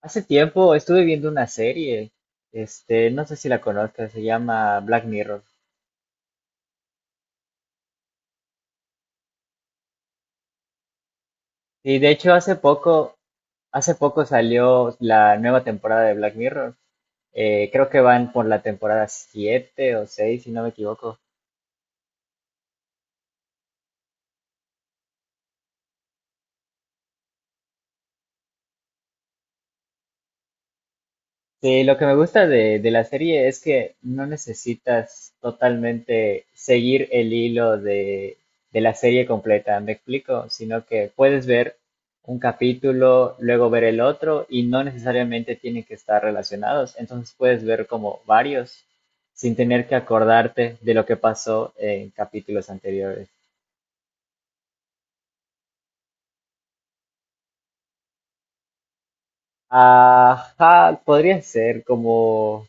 Hace tiempo estuve viendo una serie, este, no sé si la conozcas, se llama Black Mirror. Y de hecho hace poco salió la nueva temporada de Black Mirror. Creo que van por la temporada 7 o 6, si no me equivoco. Sí, lo que me gusta de la serie es que no necesitas totalmente seguir el hilo de la serie completa, ¿me explico? Sino que puedes ver un capítulo, luego ver el otro y no necesariamente tienen que estar relacionados. Entonces puedes ver como varios sin tener que acordarte de lo que pasó en capítulos anteriores. Ajá, podría ser como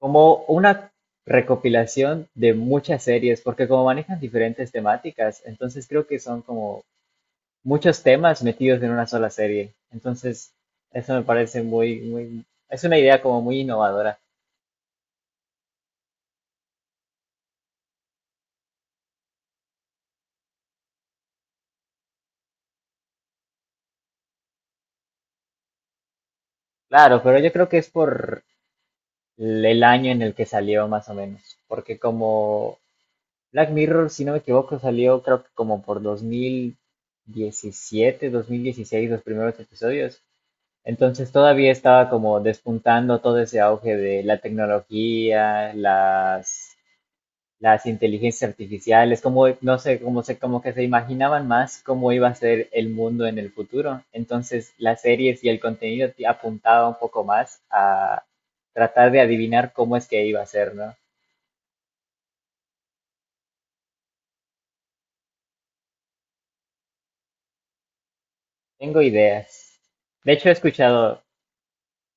una recopilación de muchas series, porque como manejan diferentes temáticas, entonces creo que son como muchos temas metidos en una sola serie. Entonces, eso me parece muy, muy, es una idea como muy innovadora. Claro, pero yo creo que es por el año en el que salió más o menos, porque como Black Mirror, si no me equivoco, salió creo que como por 2017 2016 los primeros episodios. Entonces todavía estaba como despuntando todo ese auge de la tecnología, las inteligencias artificiales, como, no sé, como, se, como que se imaginaban más cómo iba a ser el mundo en el futuro. Entonces las series y el contenido apuntaba un poco más a tratar de adivinar cómo es que iba a ser, ¿no? Tengo ideas. De hecho,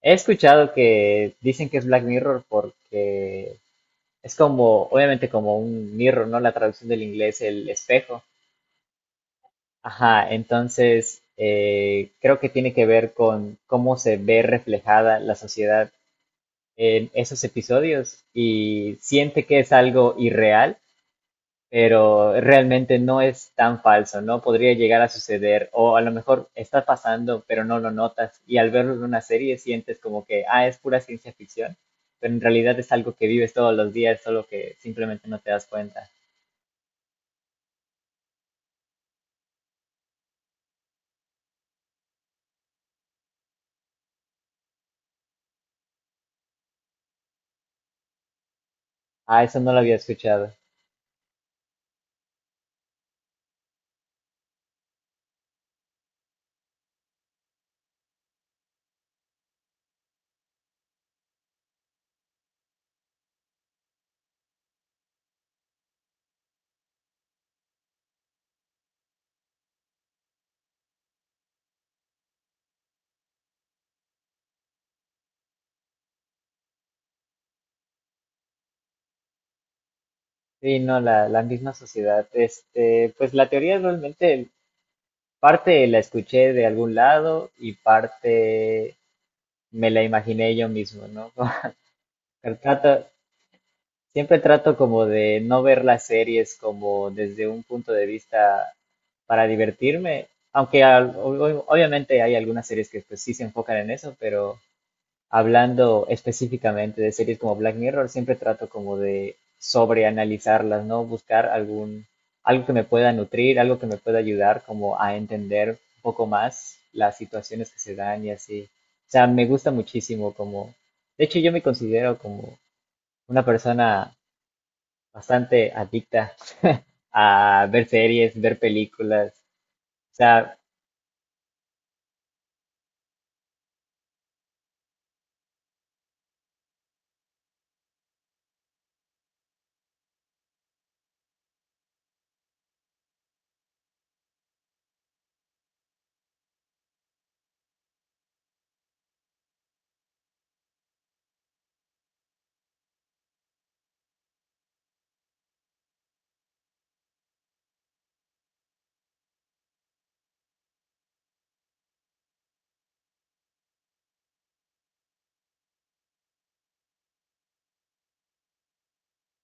he escuchado que dicen que es Black Mirror porque es como, obviamente como un mirror, ¿no? La traducción del inglés, el espejo. Ajá, entonces creo que tiene que ver con cómo se ve reflejada la sociedad en esos episodios y siente que es algo irreal, pero realmente no es tan falso, ¿no? Podría llegar a suceder o a lo mejor está pasando, pero no lo notas y al verlo en una serie sientes como que, ah, es pura ciencia ficción, pero en realidad es algo que vives todos los días, solo que simplemente no te das cuenta. Ah, eso no lo había escuchado. Sí, no, la misma sociedad. Este, pues la teoría realmente parte la escuché de algún lado y parte me la imaginé yo mismo, ¿no? Pero trato, siempre trato como de no ver las series como desde un punto de vista para divertirme, aunque obviamente hay algunas series que pues sí se enfocan en eso, pero hablando específicamente de series como Black Mirror, siempre trato como de sobreanalizarlas, ¿no? Buscar algún, algo que me pueda nutrir, algo que me pueda ayudar como a entender un poco más las situaciones que se dan y así. O sea, me gusta muchísimo como, de hecho yo me considero como una persona bastante adicta a ver series, ver películas. O sea,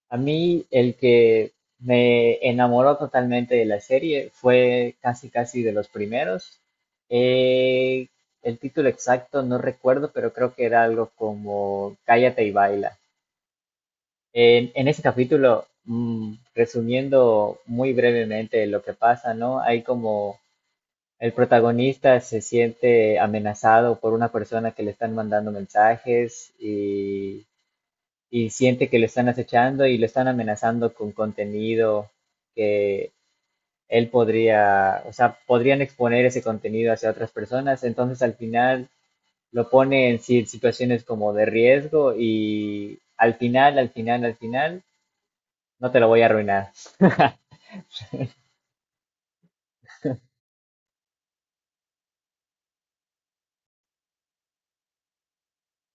a mí el que me enamoró totalmente de la serie fue casi casi de los primeros. Eh, el título exacto no recuerdo, pero creo que era algo como Cállate y baila. En ese capítulo, resumiendo muy brevemente lo que pasa, ¿no? Hay como el protagonista se siente amenazado por una persona que le están mandando mensajes y siente que lo están acechando y lo están amenazando con contenido que él podría, o sea, podrían exponer ese contenido hacia otras personas, entonces al final lo pone en situaciones como de riesgo y al final, al final, al final, no te lo voy a arruinar.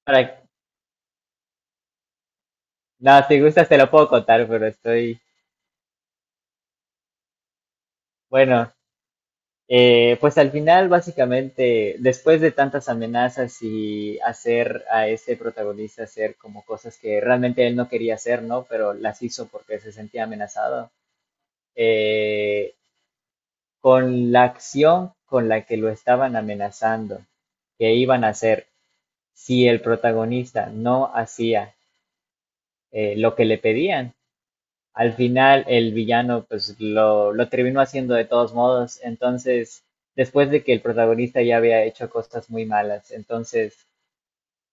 Para, no, si gustas te lo puedo contar, pero estoy, bueno, pues al final, básicamente, después de tantas amenazas y hacer a este protagonista hacer como cosas que realmente él no quería hacer, ¿no? Pero las hizo porque se sentía amenazado, eh, con la acción con la que lo estaban amenazando, que iban a hacer si el protagonista no hacía lo que le pedían, al final el villano pues lo terminó haciendo de todos modos. Entonces, después de que el protagonista ya había hecho cosas muy malas, entonces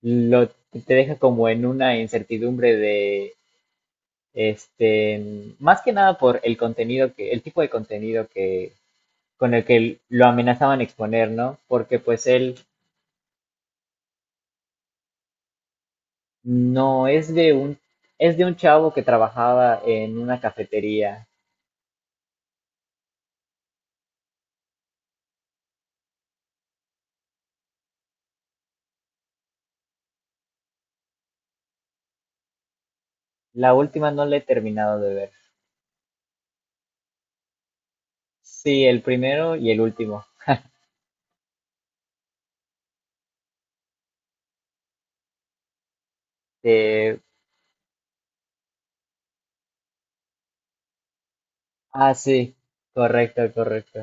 lo, te deja como en una incertidumbre de, este, más que nada por el contenido que, el tipo de contenido que, con el que lo amenazaban exponer, ¿no? Porque pues él no es de un, es de un chavo que trabajaba en una cafetería. La última no la he terminado de ver. Sí, el primero y el último. De... Ah, sí, correcto, correcto.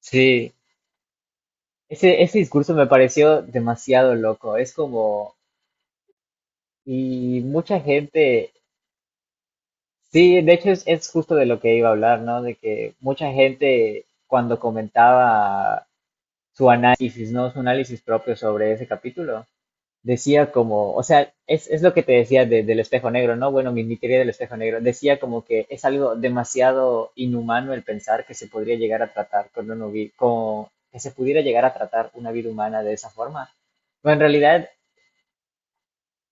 Sí, ese discurso me pareció demasiado loco. Es como, y mucha gente, sí, de hecho es justo de lo que iba a hablar, ¿no? De que mucha gente cuando comentaba su análisis, ¿no? Su análisis propio sobre ese capítulo, decía como, o sea, es lo que te decía del espejo negro, ¿no? Bueno, mi teoría del espejo negro decía como que es algo demasiado inhumano el pensar que se podría llegar a tratar con una que se pudiera llegar a tratar una vida humana de esa forma. Pero en realidad,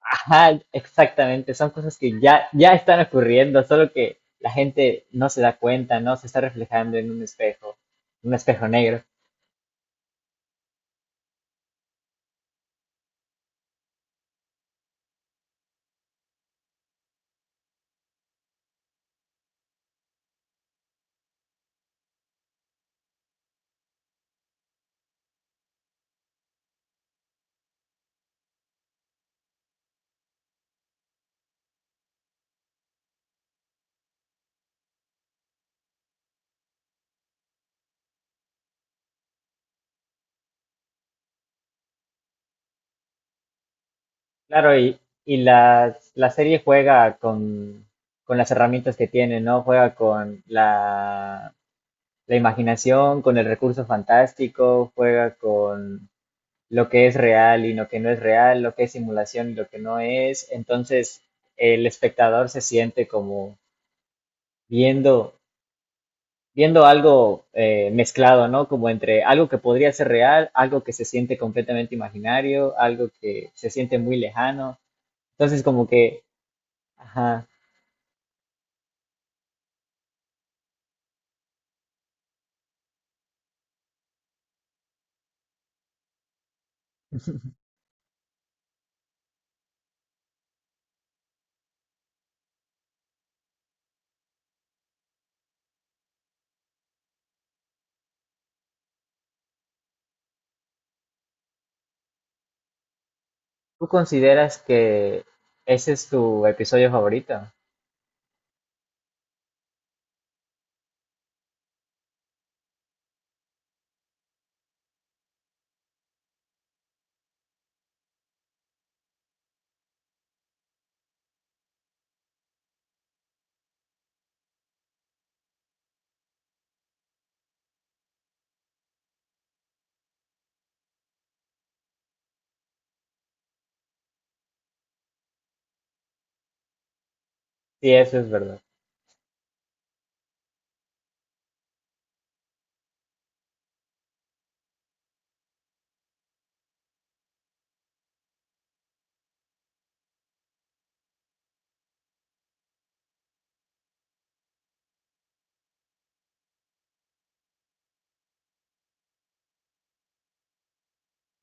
ajá, exactamente, son cosas que ya, ya están ocurriendo, solo que la gente no se da cuenta, ¿no? Se está reflejando en un espejo negro. Claro, y la serie juega con las herramientas que tiene, ¿no? Juega con la, la imaginación, con el recurso fantástico, juega con lo que es real y lo que no es real, lo que es simulación y lo que no es. Entonces, el espectador se siente como viendo, viendo algo mezclado, ¿no? Como entre algo que podría ser real, algo que se siente completamente imaginario, algo que se siente muy lejano. Entonces, como que, ajá, ¿tú consideras que ese es tu episodio favorito? Sí, eso es verdad.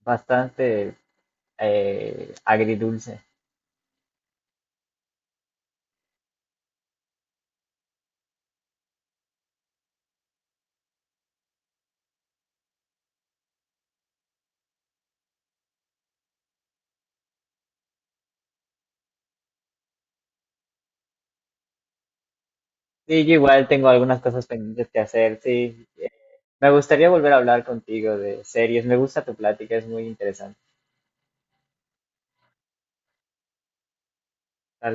Bastante agridulce. Sí, yo igual tengo algunas cosas pendientes que hacer. Sí, me gustaría volver a hablar contigo de series. Me gusta tu plática, es muy interesante. Tal